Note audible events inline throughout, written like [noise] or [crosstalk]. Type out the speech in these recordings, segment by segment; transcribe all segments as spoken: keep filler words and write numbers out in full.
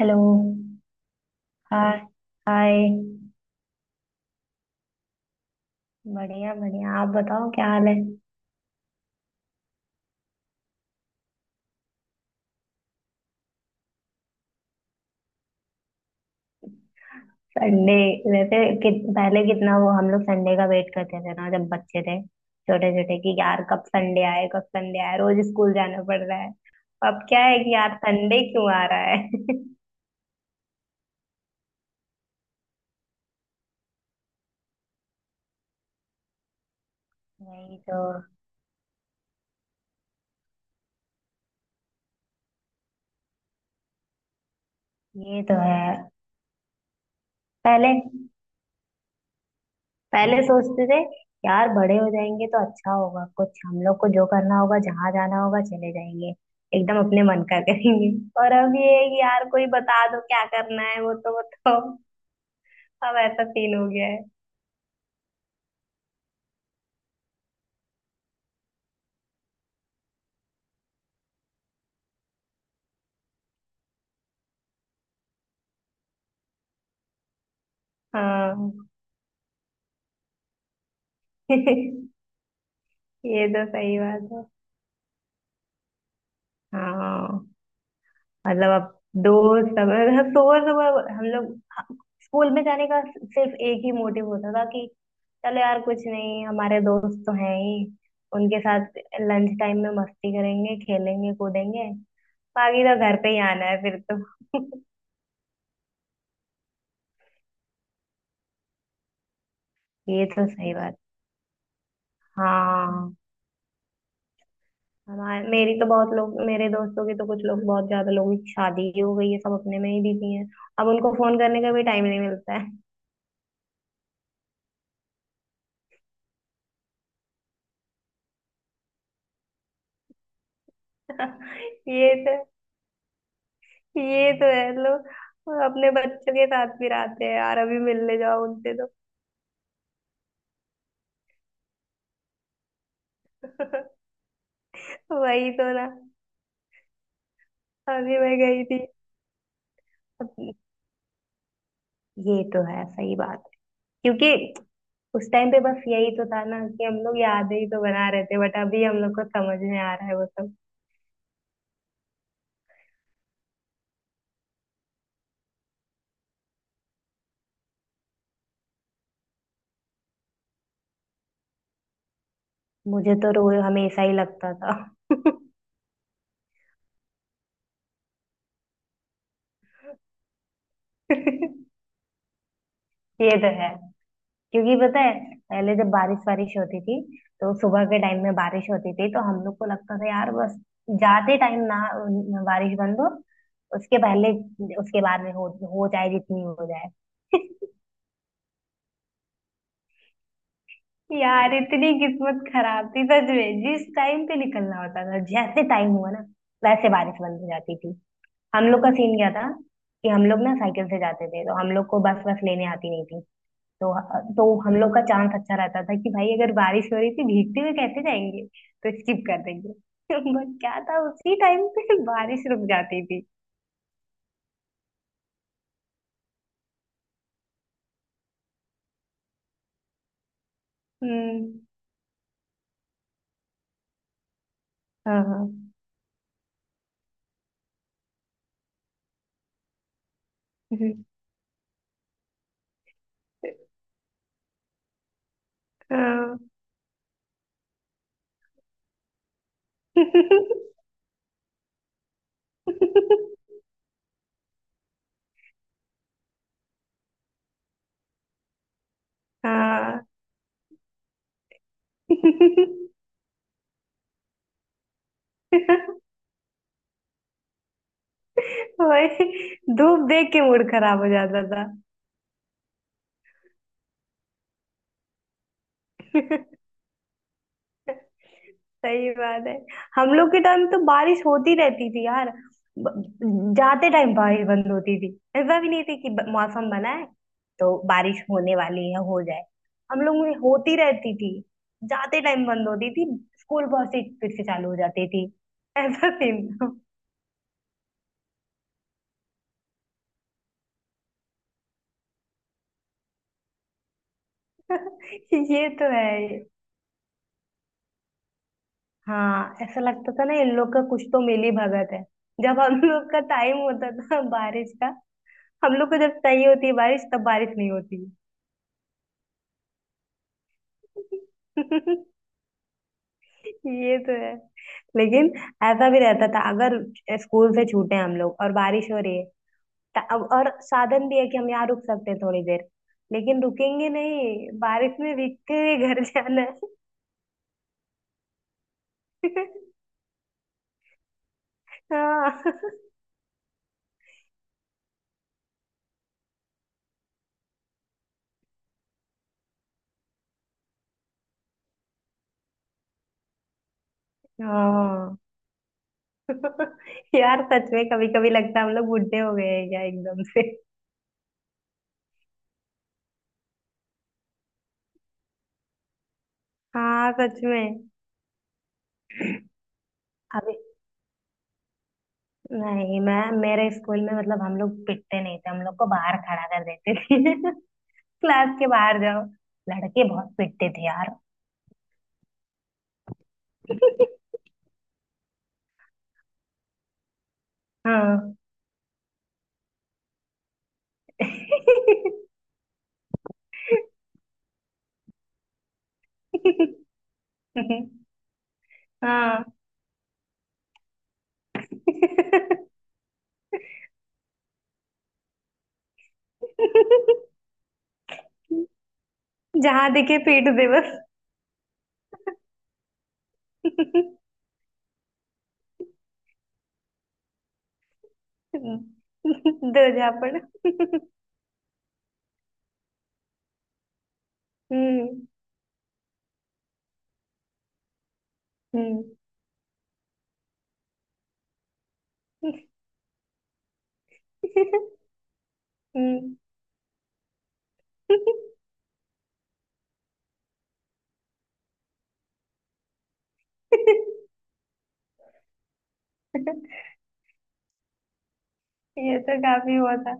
Hello. Hi. Hi. बढ़िया बढ़िया, आप बताओ क्या हाल है। संडे वैसे कि, पहले कितना वो हम लोग संडे का वेट करते थे ना, जब बच्चे थे छोटे छोटे, कि यार कब संडे आए कब संडे आए, रोज स्कूल जाना पड़ रहा है। अब क्या है कि यार संडे क्यों आ रहा है। [laughs] वही तो। ये तो है। पहले पहले सोचते थे यार बड़े हो जाएंगे तो अच्छा होगा, कुछ हम लोग को जो करना होगा जहां जाना होगा चले जाएंगे, एकदम अपने मन का करेंगे। और अब ये है कि यार कोई बता दो क्या करना है, वो तो बताओ। अब ऐसा सीन हो गया है। हाँ। [laughs] ये तो सही बात है। हाँ। मतलब अब दोस्त, अब मतलब सुबह सुबह हम लोग स्कूल में जाने का सिर्फ एक ही मोटिव होता था, कि चलो यार कुछ नहीं, हमारे दोस्त तो हैं ही, उनके साथ लंच टाइम में मस्ती करेंगे खेलेंगे कूदेंगे, बाकी तो घर पे ही आना है फिर तो। [laughs] ये तो सही बात। हाँ। हमारे मेरी तो बहुत लोग, मेरे दोस्तों की तो कुछ लोग, बहुत ज्यादा लोगों की शादी ही हो गई है, सब अपने में ही बिजी हैं। अब उनको फोन करने का भी टाइम नहीं मिलता है। [laughs] ये तो ये तो है लोग अपने बच्चों के साथ भी रहते हैं यार, अभी मिलने जाओ उनसे तो। [laughs] वही तो ना। अभी मैं गई थी। अब ये तो है सही बात, क्योंकि उस टाइम पे बस यही तो था ना, कि हम लोग यादें ही तो बना रहे थे, बट अभी हम लोग को समझ में आ रहा है वो सब। मुझे तो रोज हमेशा ही लगता था। [laughs] ये तो है, क्योंकि पता है पहले जब बारिश वारिश होती थी तो सुबह के टाइम में बारिश होती थी, तो हम लोग को लगता था यार बस जाते टाइम ना, न- बारिश बंद हो उसके पहले, उसके बाद में हो हो जाए जितनी हो जाए। [laughs] यार इतनी किस्मत खराब थी सच में, जिस टाइम पे निकलना होता था जैसे टाइम हुआ ना वैसे बारिश बंद हो जाती थी। हम लोग का सीन क्या था कि हम लोग ना साइकिल से जाते थे, तो हम लोग को बस बस लेने आती नहीं, तो तो हम लोग का चांस अच्छा रहता था कि भाई अगर बारिश हो रही थी भीगते हुए कैसे जाएंगे, तो स्किप कर देंगे। [laughs] बट क्या था उसी टाइम पे बारिश रुक जाती थी। हम्म। हाँ हाँ। हम्म। हाँ। [laughs] हाँ। [laughs] वही, धूप देख के मूड खराब हो जाता था। [laughs] सही बात है। हम लोग के टाइम तो बारिश होती रहती थी यार, ब- जाते टाइम बारिश बंद होती थी। ऐसा भी नहीं थी कि ब- मौसम बना है तो बारिश होने वाली है हो जाए। हम लोग में होती रहती थी, जाते टाइम बंद होती थी, स्कूल बहुत से फिर से चालू हो जाती थी। [laughs] ऐसा सीन था। [laughs] ये तो है। हाँ, ऐसा लगता था ना इन लोग का कुछ तो मिली भगत है, जब हम लोग का टाइम होता था बारिश का हम लोग को जब चाहिए होती है बारिश तब बारिश नहीं होती। ये तो है। लेकिन ऐसा भी रहता था अगर स्कूल से छूटे हैं हम लोग और बारिश हो रही है, त- अब और साधन भी है कि हम यहाँ रुक सकते हैं थोड़ी देर, लेकिन रुकेंगे नहीं, बारिश में भीगते हुए घर जाना है। हाँ। हाँ। यार सच में कभी कभी लगता है हम लोग बुढ़े हो गए हैं क्या एकदम से। हाँ सच में। अभी नहीं, मैं मेरे स्कूल में मतलब हम लोग पिटते नहीं थे, हम लोग को बाहर खड़ा कर देते थे, क्लास के बाहर जाओ। लड़के बहुत पिटते थे यार। [laughs] हाँ। [laughs] हाँ। [laughs] जहां दिखे पीट दे बस। [laughs] दो झापड़। [laughs] हम्म। हम्म। हम्म। [laughs] ये तो काफी हुआ था।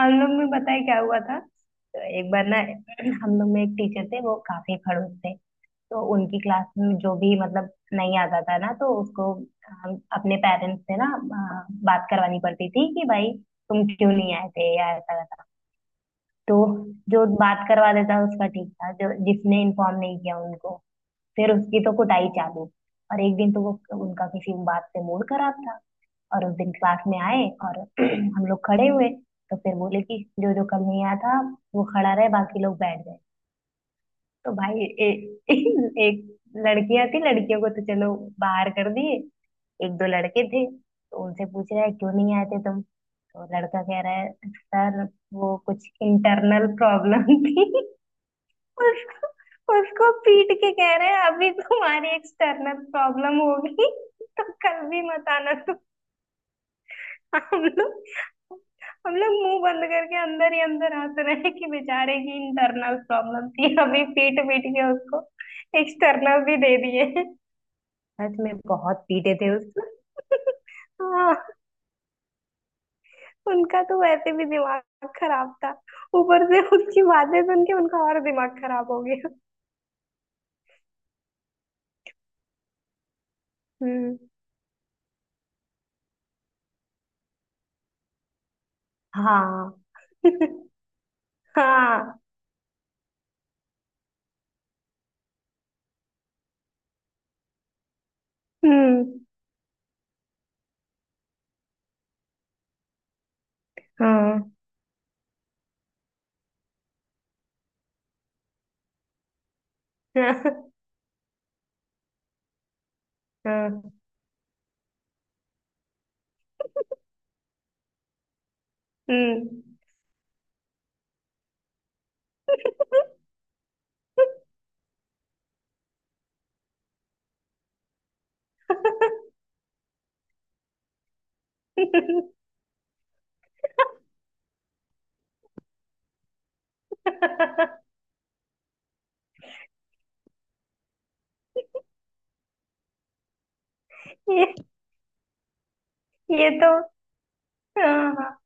हम लोग में पता है क्या हुआ था, तो एक बार ना, [clears throat] हम लोग में एक टीचर थे वो काफी खड़ूस थे, तो उनकी क्लास में जो भी मतलब नहीं आता था ना, तो उसको हम अपने पेरेंट्स से ना अ, बात करवानी पड़ती थी कि भाई तुम क्यों नहीं आए थे या ऐसा वैसा। तो जो बात करवा देता उसका ठीक था, जो जिसने इन्फॉर्म नहीं किया उनको फिर उसकी तो कुटाई चालू। और एक दिन तो वो, उनका किसी बात से मूड खराब था, और उस दिन क्लास में आए और [clears throat] हम लोग खड़े हुए, तो फिर बोले कि जो जो कल नहीं आया था वो खड़ा रहे, बाकी लोग बैठ गए। तो भाई ए, [laughs] ए, एक, लड़कियां थी, लड़कियों को तो चलो बाहर कर दिए, एक दो लड़के थे, तो उनसे पूछ रहा है क्यों नहीं आए थे तुम, तो लड़का कह रहा है सर वो कुछ इंटरनल प्रॉब्लम थी। [laughs] उसको, उसको पीट के कह रहे हैं अभी तुम्हारी एक्सटर्नल प्रॉब्लम होगी, तो कल भी मत आना। हम लोग हम लोग मुंह बंद करके अंदर ही अंदर हंस रहे हैं कि बेचारे की इंटरनल प्रॉब्लम थी, अभी पीट पीट के उसको एक्सटर्नल भी दे दिए। सच में बहुत पीटे थे उसको। हाँ, उनका तो वैसे भी दिमाग खराब था, ऊपर से उसकी बातें सुन के उनका और दिमाग खराब हो गया। हम्म। हाँ। [laughs] हाँ। हम्म। हाँ। हाँ। हाँ, हम्म। [laughs] ये ये तो हाँ, हाँ,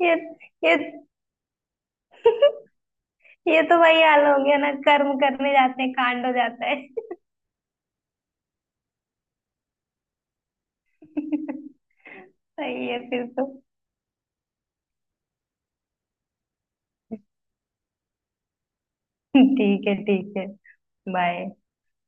ये ये, [laughs] ये तो वही हाल हो गया ना, कर्म करने जाते हैं कांड हो जाता है। [laughs] सही है फिर तो। [laughs] ठीक है ठीक है। बाय।